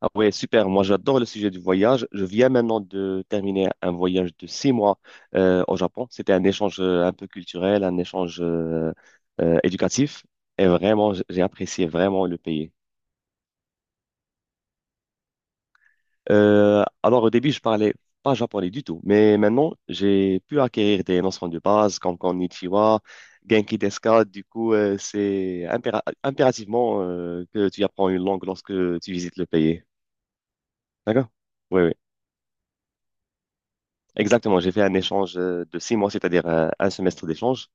Ah ouais, super. Moi, j'adore le sujet du voyage. Je viens maintenant de terminer un voyage de 6 mois au Japon. C'était un échange un peu culturel, un échange éducatif. Et vraiment, j'ai apprécié vraiment le pays. Alors, au début, je parlais pas japonais du tout. Mais maintenant, j'ai pu acquérir des notions de base comme Konnichiwa, Genki desu ka. Du coup, c'est impérativement que tu apprends une langue lorsque tu visites le pays. D'accord? Oui, oui. Exactement, j'ai fait un échange de 6 mois, c'est-à-dire un semestre d'échange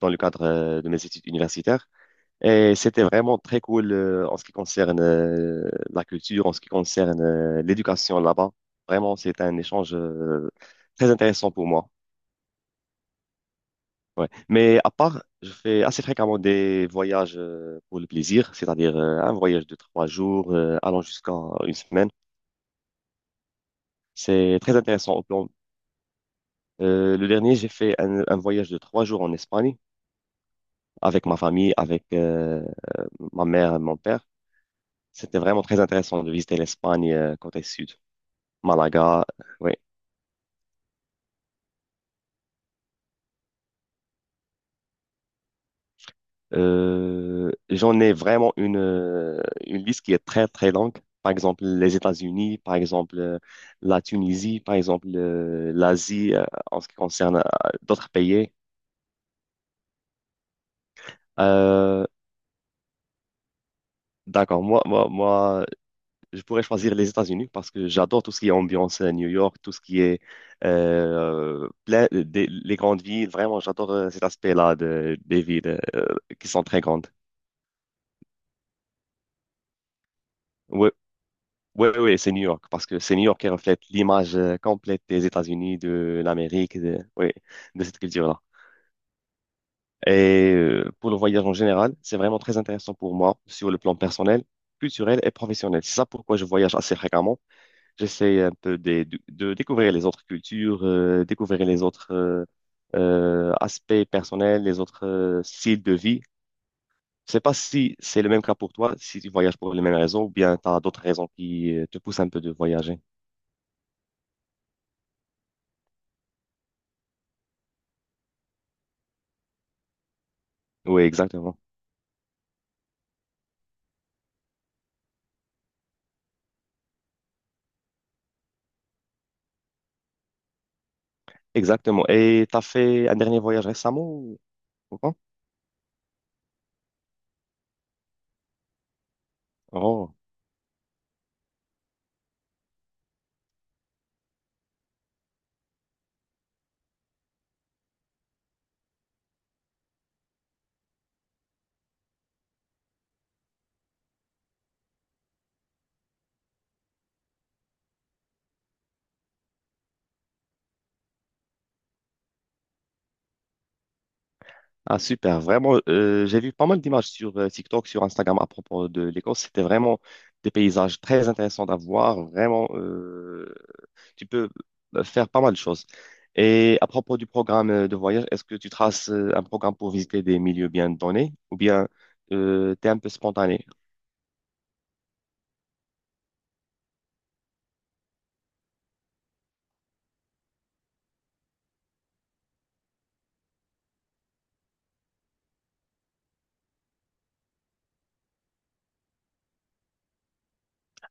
dans le cadre de mes études universitaires. Et c'était vraiment très cool en ce qui concerne la culture, en ce qui concerne l'éducation là-bas. Vraiment, c'est un échange très intéressant pour moi. Ouais. Mais à part, je fais assez fréquemment des voyages pour le plaisir, c'est-à-dire un voyage de 3 jours allant jusqu'à une semaine. C'est très intéressant au plan. Le dernier, j'ai fait un voyage de trois jours en Espagne, avec ma famille, avec ma mère et mon père. C'était vraiment très intéressant de visiter l'Espagne côté sud, Malaga, oui. J'en ai vraiment une liste qui est très, très longue. Par exemple, les États-Unis, par exemple, la Tunisie, par exemple, l'Asie, en ce qui concerne d'autres pays. Euh, d'accord, moi, je pourrais choisir les États-Unis parce que j'adore tout ce qui est ambiance à New York, tout ce qui est plein les grandes villes. Vraiment, j'adore cet aspect-là de, des villes qui sont très grandes. Oui, oui, oui, c'est New York parce que c'est New York qui reflète l'image complète des États-Unis, de l'Amérique, de, oui, de cette culture-là. Et pour le voyage en général, c'est vraiment très intéressant pour moi sur le plan personnel, culturel et professionnel. C'est ça pourquoi je voyage assez fréquemment. J'essaie un peu de découvrir les autres cultures, découvrir les autres aspects personnels, les autres styles de vie. Je sais pas si c'est le même cas pour toi, si tu voyages pour les mêmes raisons ou bien tu as d'autres raisons qui te poussent un peu de voyager. Oui, exactement. Exactement. Et tu as fait un dernier voyage récemment ou pas? Oh. Ah, super. Vraiment, j'ai vu pas mal d'images sur TikTok, sur Instagram à propos de l'Écosse. C'était vraiment des paysages très intéressants à voir, vraiment. Tu peux faire pas mal de choses. Et à propos du programme de voyage, est-ce que tu traces un programme pour visiter des milieux bien donnés ou bien t'es un peu spontané?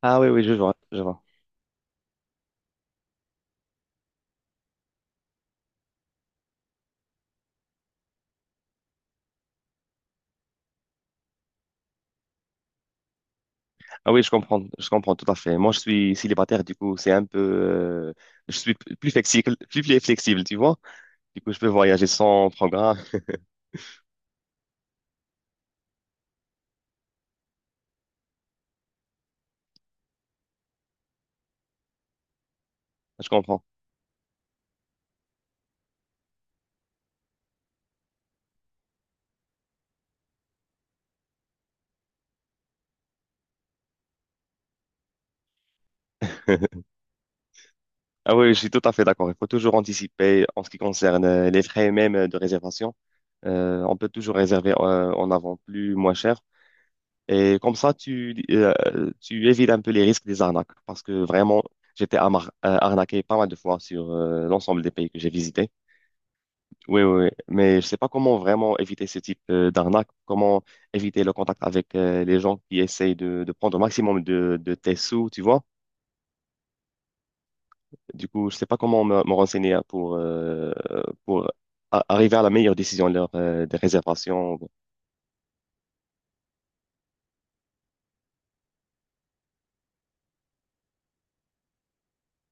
Ah oui, oui, je vois, je vois. Ah oui, je comprends tout à fait. Moi, je suis célibataire, du coup, c'est un peu, je suis plus flexible, plus flexible, tu vois. Du coup, je peux voyager sans programme. Je comprends. Ah oui, je suis tout à fait d'accord. Il faut toujours anticiper en ce qui concerne les frais même de réservation. On peut toujours réserver en avant plus moins cher. Et comme ça, tu évites un peu les risques des arnaques. Parce que vraiment, j'étais arnaqué pas mal de fois sur l'ensemble des pays que j'ai visités. Oui, oui, oui. Mais je ne sais pas comment vraiment éviter ce type d'arnaque. Comment éviter le contact avec les gens qui essayent de prendre au maximum de tes sous, tu vois. Du coup, je ne sais pas comment me renseigner hein, pour arriver à la meilleure décision lors des réservations.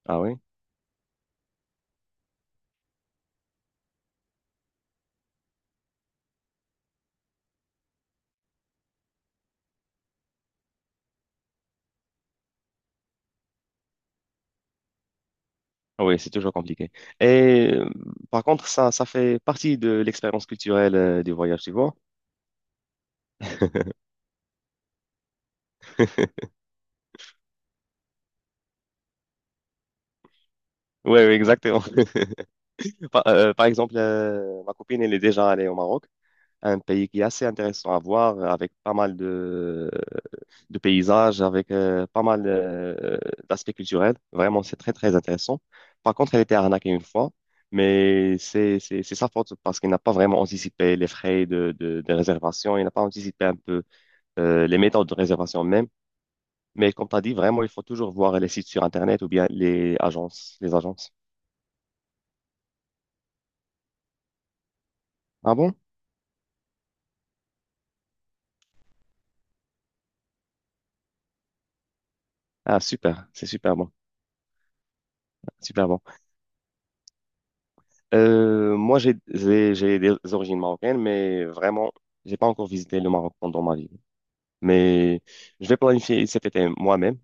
Ah oui? Oui, c'est toujours compliqué. Et par contre, ça fait partie de l'expérience culturelle du voyage, tu vois. Oui, exactement. Par exemple, ma copine, elle est déjà allée au Maroc, un pays qui est assez intéressant à voir, avec pas mal de paysages, avec pas mal d'aspects culturels. Vraiment, c'est très, très intéressant. Par contre, elle était arnaquée une fois, mais c'est sa faute parce qu'elle n'a pas vraiment anticipé les frais de réservation, elle n'a pas anticipé un peu les méthodes de réservation même. Mais comme tu as dit, vraiment, il faut toujours voir les sites sur Internet ou bien les agences, les agences. Ah bon? Ah, super, c'est super bon, super bon. Moi, j'ai des origines marocaines, mais vraiment, j'ai pas encore visité le Maroc pendant ma vie. Mais je vais planifier cet été moi-même,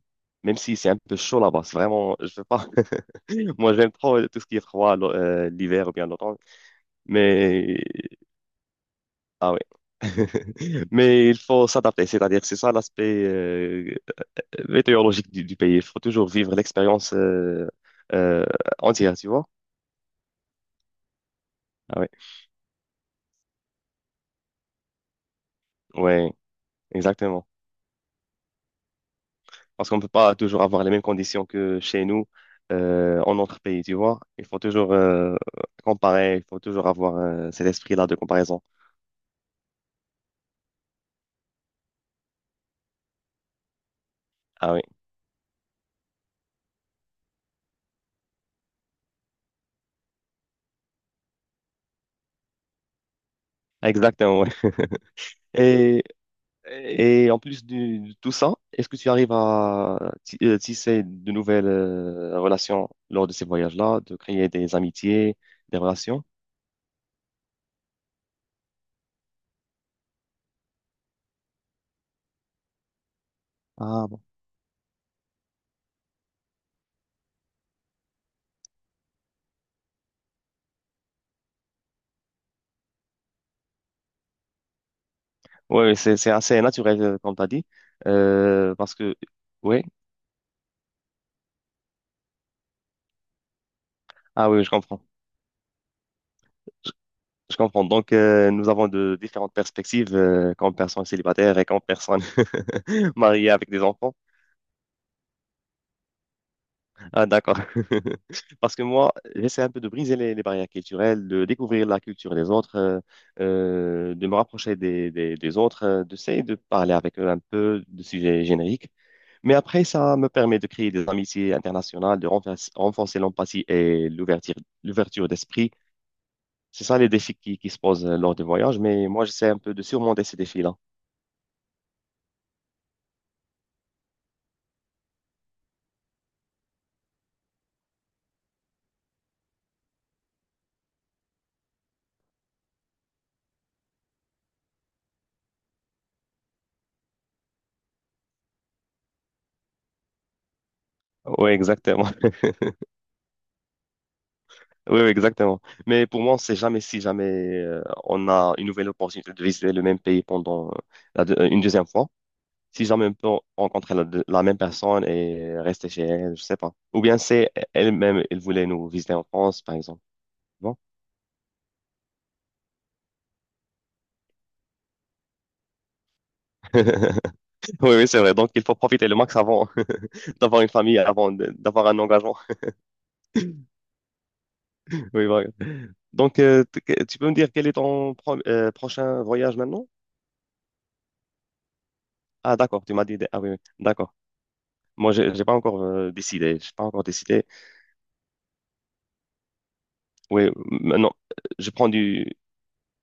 même si c'est un peu chaud là-bas. C'est vraiment, je veux pas. Moi, j'aime trop tout ce qui est froid, l'hiver ou bien l'automne. Mais ah ouais. Mais il faut s'adapter, c'est-à-dire c'est ça l'aspect météorologique du pays. Il faut toujours vivre l'expérience euh, entière, tu vois? Ah ouais, ouais, exactement. Parce qu'on ne peut pas toujours avoir les mêmes conditions que chez nous en notre pays, tu vois? Il faut toujours comparer, il faut toujours avoir cet esprit-là de comparaison. Ah oui, exactement. Ouais. Et, et en plus tout ça, est-ce que tu arrives à tisser de nouvelles relations lors de ces voyages-là, de créer des amitiés, des relations? Ah, ouais, ouais, c'est assez naturel, comme tu as dit. Parce que, oui, ah oui, je comprends. Je, je comprends. Donc, nous avons de différentes perspectives, comme personne célibataire et comme personne mariée avec des enfants. Ah, d'accord. Parce que moi, j'essaie un peu de briser les barrières culturelles, de découvrir la culture des autres, de me rapprocher des autres, d'essayer de parler avec eux un peu de sujets génériques. Mais après, ça me permet de créer des amitiés internationales, de renforcer l'empathie et l'ouverture d'esprit. C'est ça les défis qui se posent lors des voyages, mais moi, j'essaie un peu de surmonter ces défis-là. Oui, exactement. Oui, oui, exactement. Mais pour moi, on sait jamais si jamais on a une nouvelle opportunité de visiter le même pays pendant une deuxième fois. Si jamais on peut rencontrer la même personne et rester chez elle, je sais pas. Ou bien c'est elle-même, elle voulait nous visiter en France, par exemple. Oui, oui, c'est vrai. Donc, il faut profiter le max avant d'avoir une famille, d'avoir un engagement. Oui, voilà. Donc, tu peux me dire quel est prochain voyage maintenant? Ah, d'accord, tu m'as dit. Des... Ah oui, oui, d'accord. Moi, j'ai pas encore décidé. J'ai pas encore décidé. Oui, maintenant, je prends du...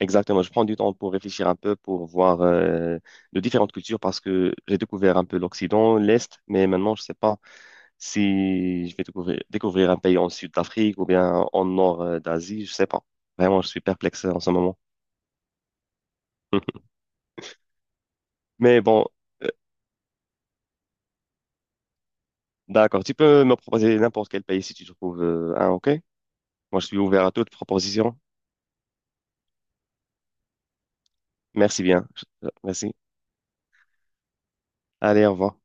Exactement, je prends du temps pour réfléchir un peu, pour voir de différentes cultures, parce que j'ai découvert un peu l'Occident, l'Est, mais maintenant, je sais pas. Si je vais découvrir un pays en sud d'Afrique ou bien en nord d'Asie, je sais pas. Vraiment, je suis perplexe en ce moment. Mais bon, euh, d'accord. Tu peux me proposer n'importe quel pays si tu trouves un, ok? Moi, je suis ouvert à toute proposition. Merci bien. Merci. Allez, au revoir.